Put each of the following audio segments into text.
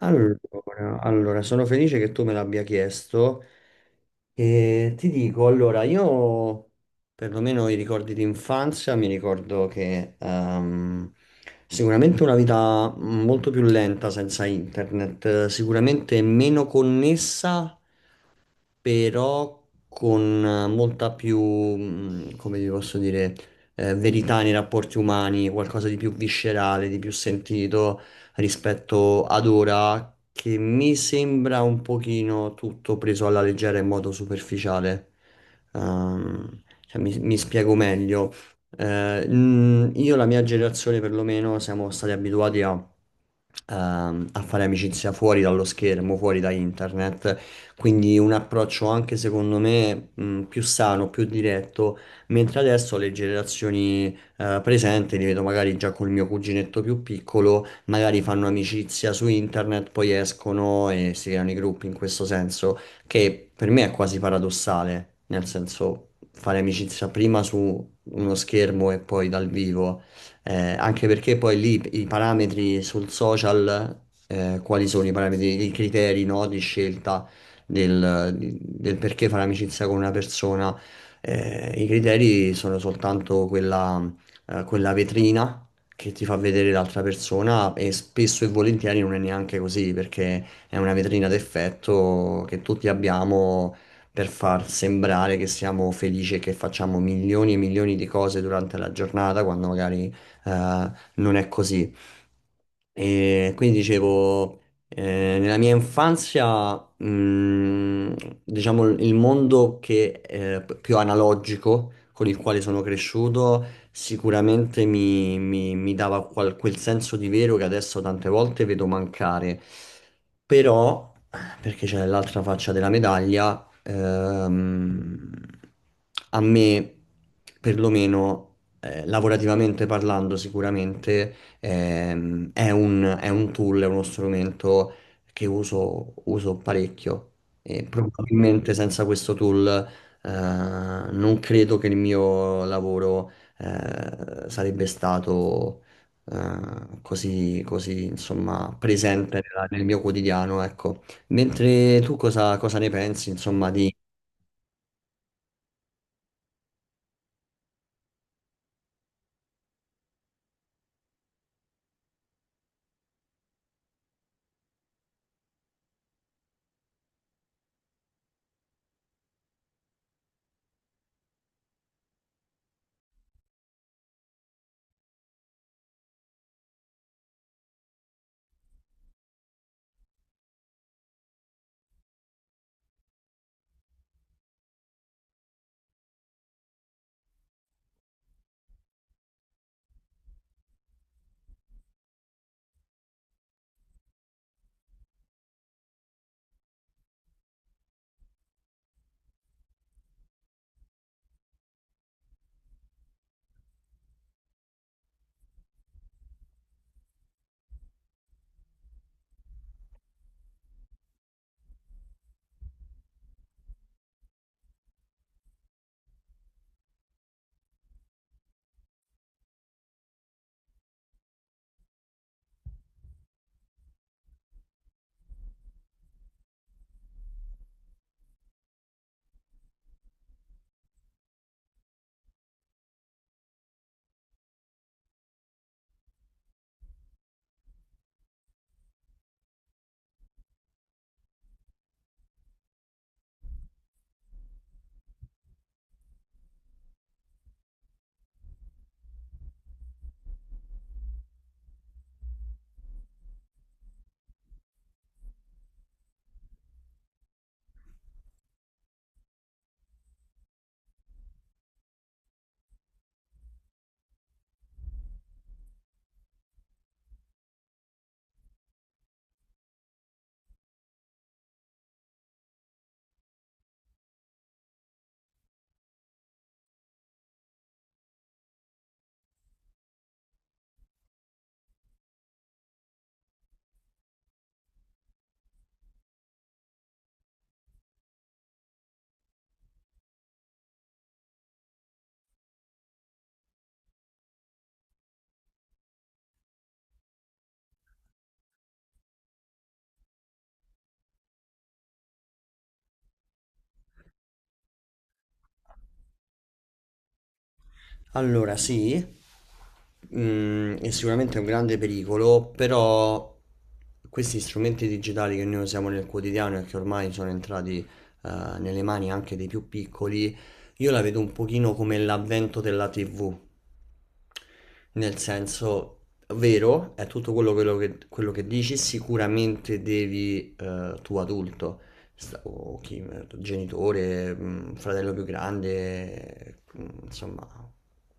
Allora, allora, sono felice che tu me l'abbia chiesto e ti dico, allora, io perlomeno i ricordi di infanzia mi ricordo che sicuramente una vita molto più lenta senza internet, sicuramente meno connessa però con molta più, come vi posso dire, verità nei rapporti umani, qualcosa di più viscerale, di più sentito rispetto ad ora, che mi sembra un pochino tutto preso alla leggera in modo superficiale. Cioè, mi spiego meglio. Io e la mia generazione perlomeno siamo stati abituati a fare amicizia fuori dallo schermo, fuori da internet. Quindi un approccio anche secondo me più sano, più diretto, mentre adesso le generazioni presenti, li vedo magari già col mio cuginetto più piccolo, magari fanno amicizia su internet, poi escono e si creano i gruppi in questo senso, che per me è quasi paradossale, nel senso fare amicizia prima su uno schermo e poi dal vivo, anche perché poi lì i parametri sul social, quali sono i parametri, i criteri, no, di scelta? Del, del perché fare amicizia con una persona. I criteri sono soltanto quella, quella vetrina che ti fa vedere l'altra persona e spesso e volentieri non è neanche così, perché è una vetrina d'effetto che tutti abbiamo per far sembrare che siamo felici e che facciamo milioni e milioni di cose durante la giornata quando magari non è così. E quindi dicevo, nella mia infanzia, diciamo, il mondo che è più analogico con il quale sono cresciuto sicuramente mi dava quel senso di vero che adesso tante volte vedo mancare. Però, perché c'è l'altra faccia della medaglia, a me, perlomeno, lavorativamente parlando, sicuramente. È è un tool, è uno strumento che uso parecchio e probabilmente senza questo tool non credo che il mio lavoro sarebbe stato così, insomma, presente nel mio quotidiano, ecco. Mentre tu cosa, cosa ne pensi, insomma, di, Allora, sì, è sicuramente un grande pericolo, però questi strumenti digitali che noi usiamo nel quotidiano e che ormai sono entrati, nelle mani anche dei più piccoli, io la vedo un pochino come l'avvento della TV. Nel senso, vero, è tutto quello, quello che dici, sicuramente devi, tu adulto, o chi, genitore, fratello più grande, insomma,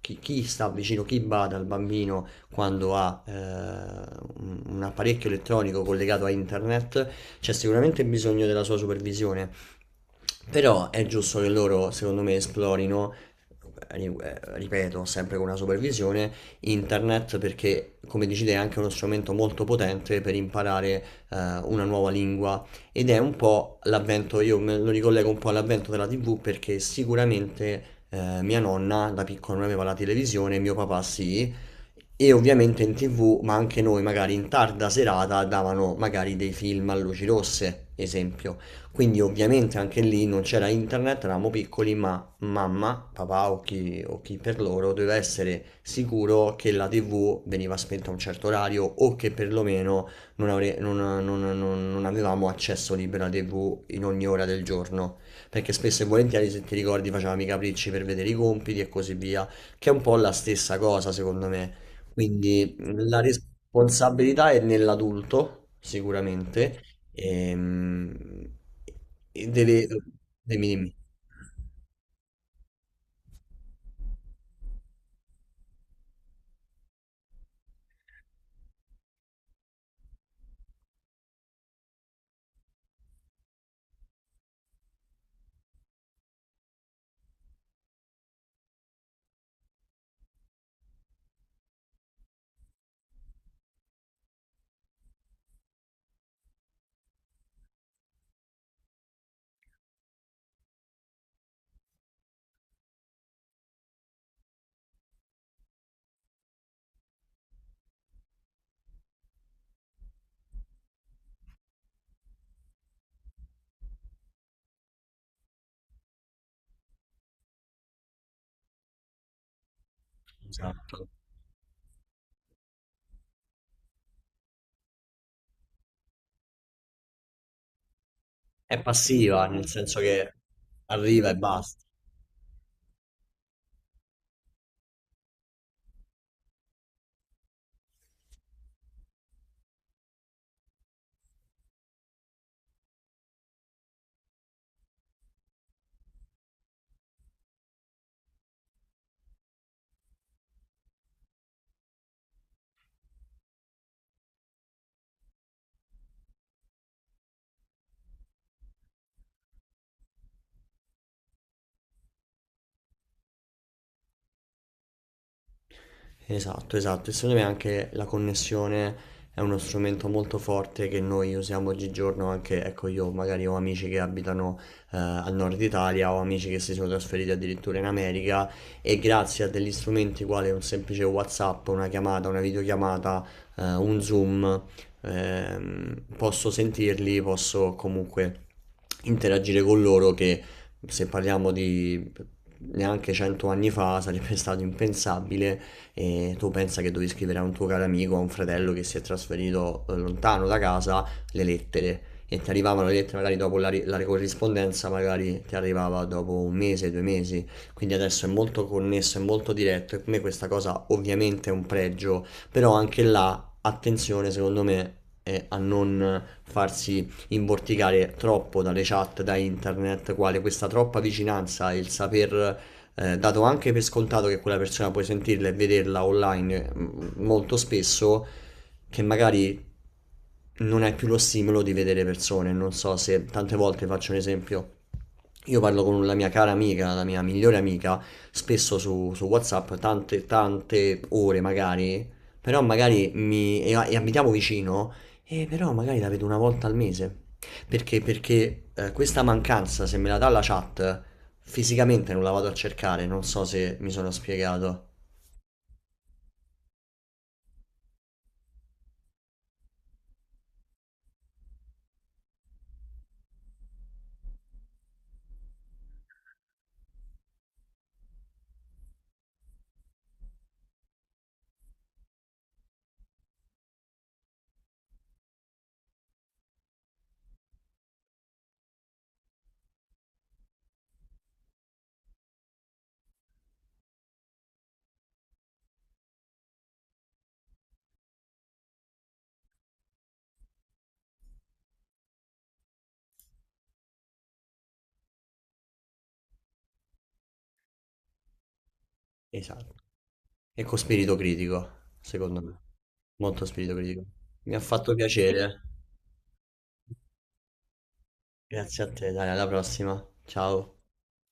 chi, chi sta vicino, chi bada al bambino quando ha un apparecchio elettronico collegato a internet, c'è sicuramente bisogno della sua supervisione. Però è giusto che loro, secondo me, esplorino ripeto, sempre con una supervisione, internet perché, come dici te, è anche uno strumento molto potente per imparare una nuova lingua, ed è un po' l'avvento, io me lo ricollego un po' all'avvento della TV perché sicuramente mia nonna da piccola non aveva la televisione, mio papà sì. E ovviamente in TV, ma anche noi, magari in tarda serata, davano magari dei film a luci rosse, esempio. Quindi ovviamente anche lì non c'era internet, eravamo piccoli, ma mamma, papà o chi per loro doveva essere sicuro che la TV veniva spenta a un certo orario o che perlomeno non, avre- non- non- non- non avevamo accesso libero alla TV in ogni ora del giorno. Perché spesso e volentieri, se ti ricordi, facevamo i capricci per vedere i compiti e così via, che è un po' la stessa cosa, secondo me. Quindi la responsabilità è nell'adulto, sicuramente, ehm, e deve... Dimmi, dimmi. Esatto. È passiva, nel senso che arriva e basta. Esatto, esatto. E secondo me anche la connessione è uno strumento molto forte che noi usiamo oggigiorno anche, ecco, io magari ho amici che abitano al nord Italia, ho amici che si sono trasferiti addirittura in America, e grazie a degli strumenti quali un semplice WhatsApp, una chiamata, una videochiamata, un Zoom, posso sentirli, posso comunque interagire con loro che se parliamo di neanche 100 anni fa sarebbe stato impensabile, e tu pensa che devi scrivere a un tuo caro amico, a un fratello che si è trasferito lontano da casa, le lettere. E ti arrivavano le lettere magari dopo la corrispondenza, magari ti arrivava dopo un mese, due mesi. Quindi adesso è molto connesso, è molto diretto e per me questa cosa ovviamente è un pregio, però anche là, attenzione secondo me a non farsi imborticare troppo dalle chat, da internet, quale questa troppa vicinanza e il saper dato anche per scontato che quella persona puoi sentirla e vederla online molto spesso, che magari non hai più lo stimolo di vedere persone. Non so se tante volte faccio un esempio. Io parlo con la mia cara amica, la mia migliore amica, spesso su WhatsApp, tante, tante ore magari, però e abitiamo vicino, e però magari la vedo una volta al mese. Perché? Perché questa mancanza, se me la dà la chat, fisicamente non la vado a cercare, non so se mi sono spiegato. Esatto. E con spirito critico, secondo me. Molto spirito critico. Mi ha fatto piacere. Grazie a te, dai, alla prossima. Ciao.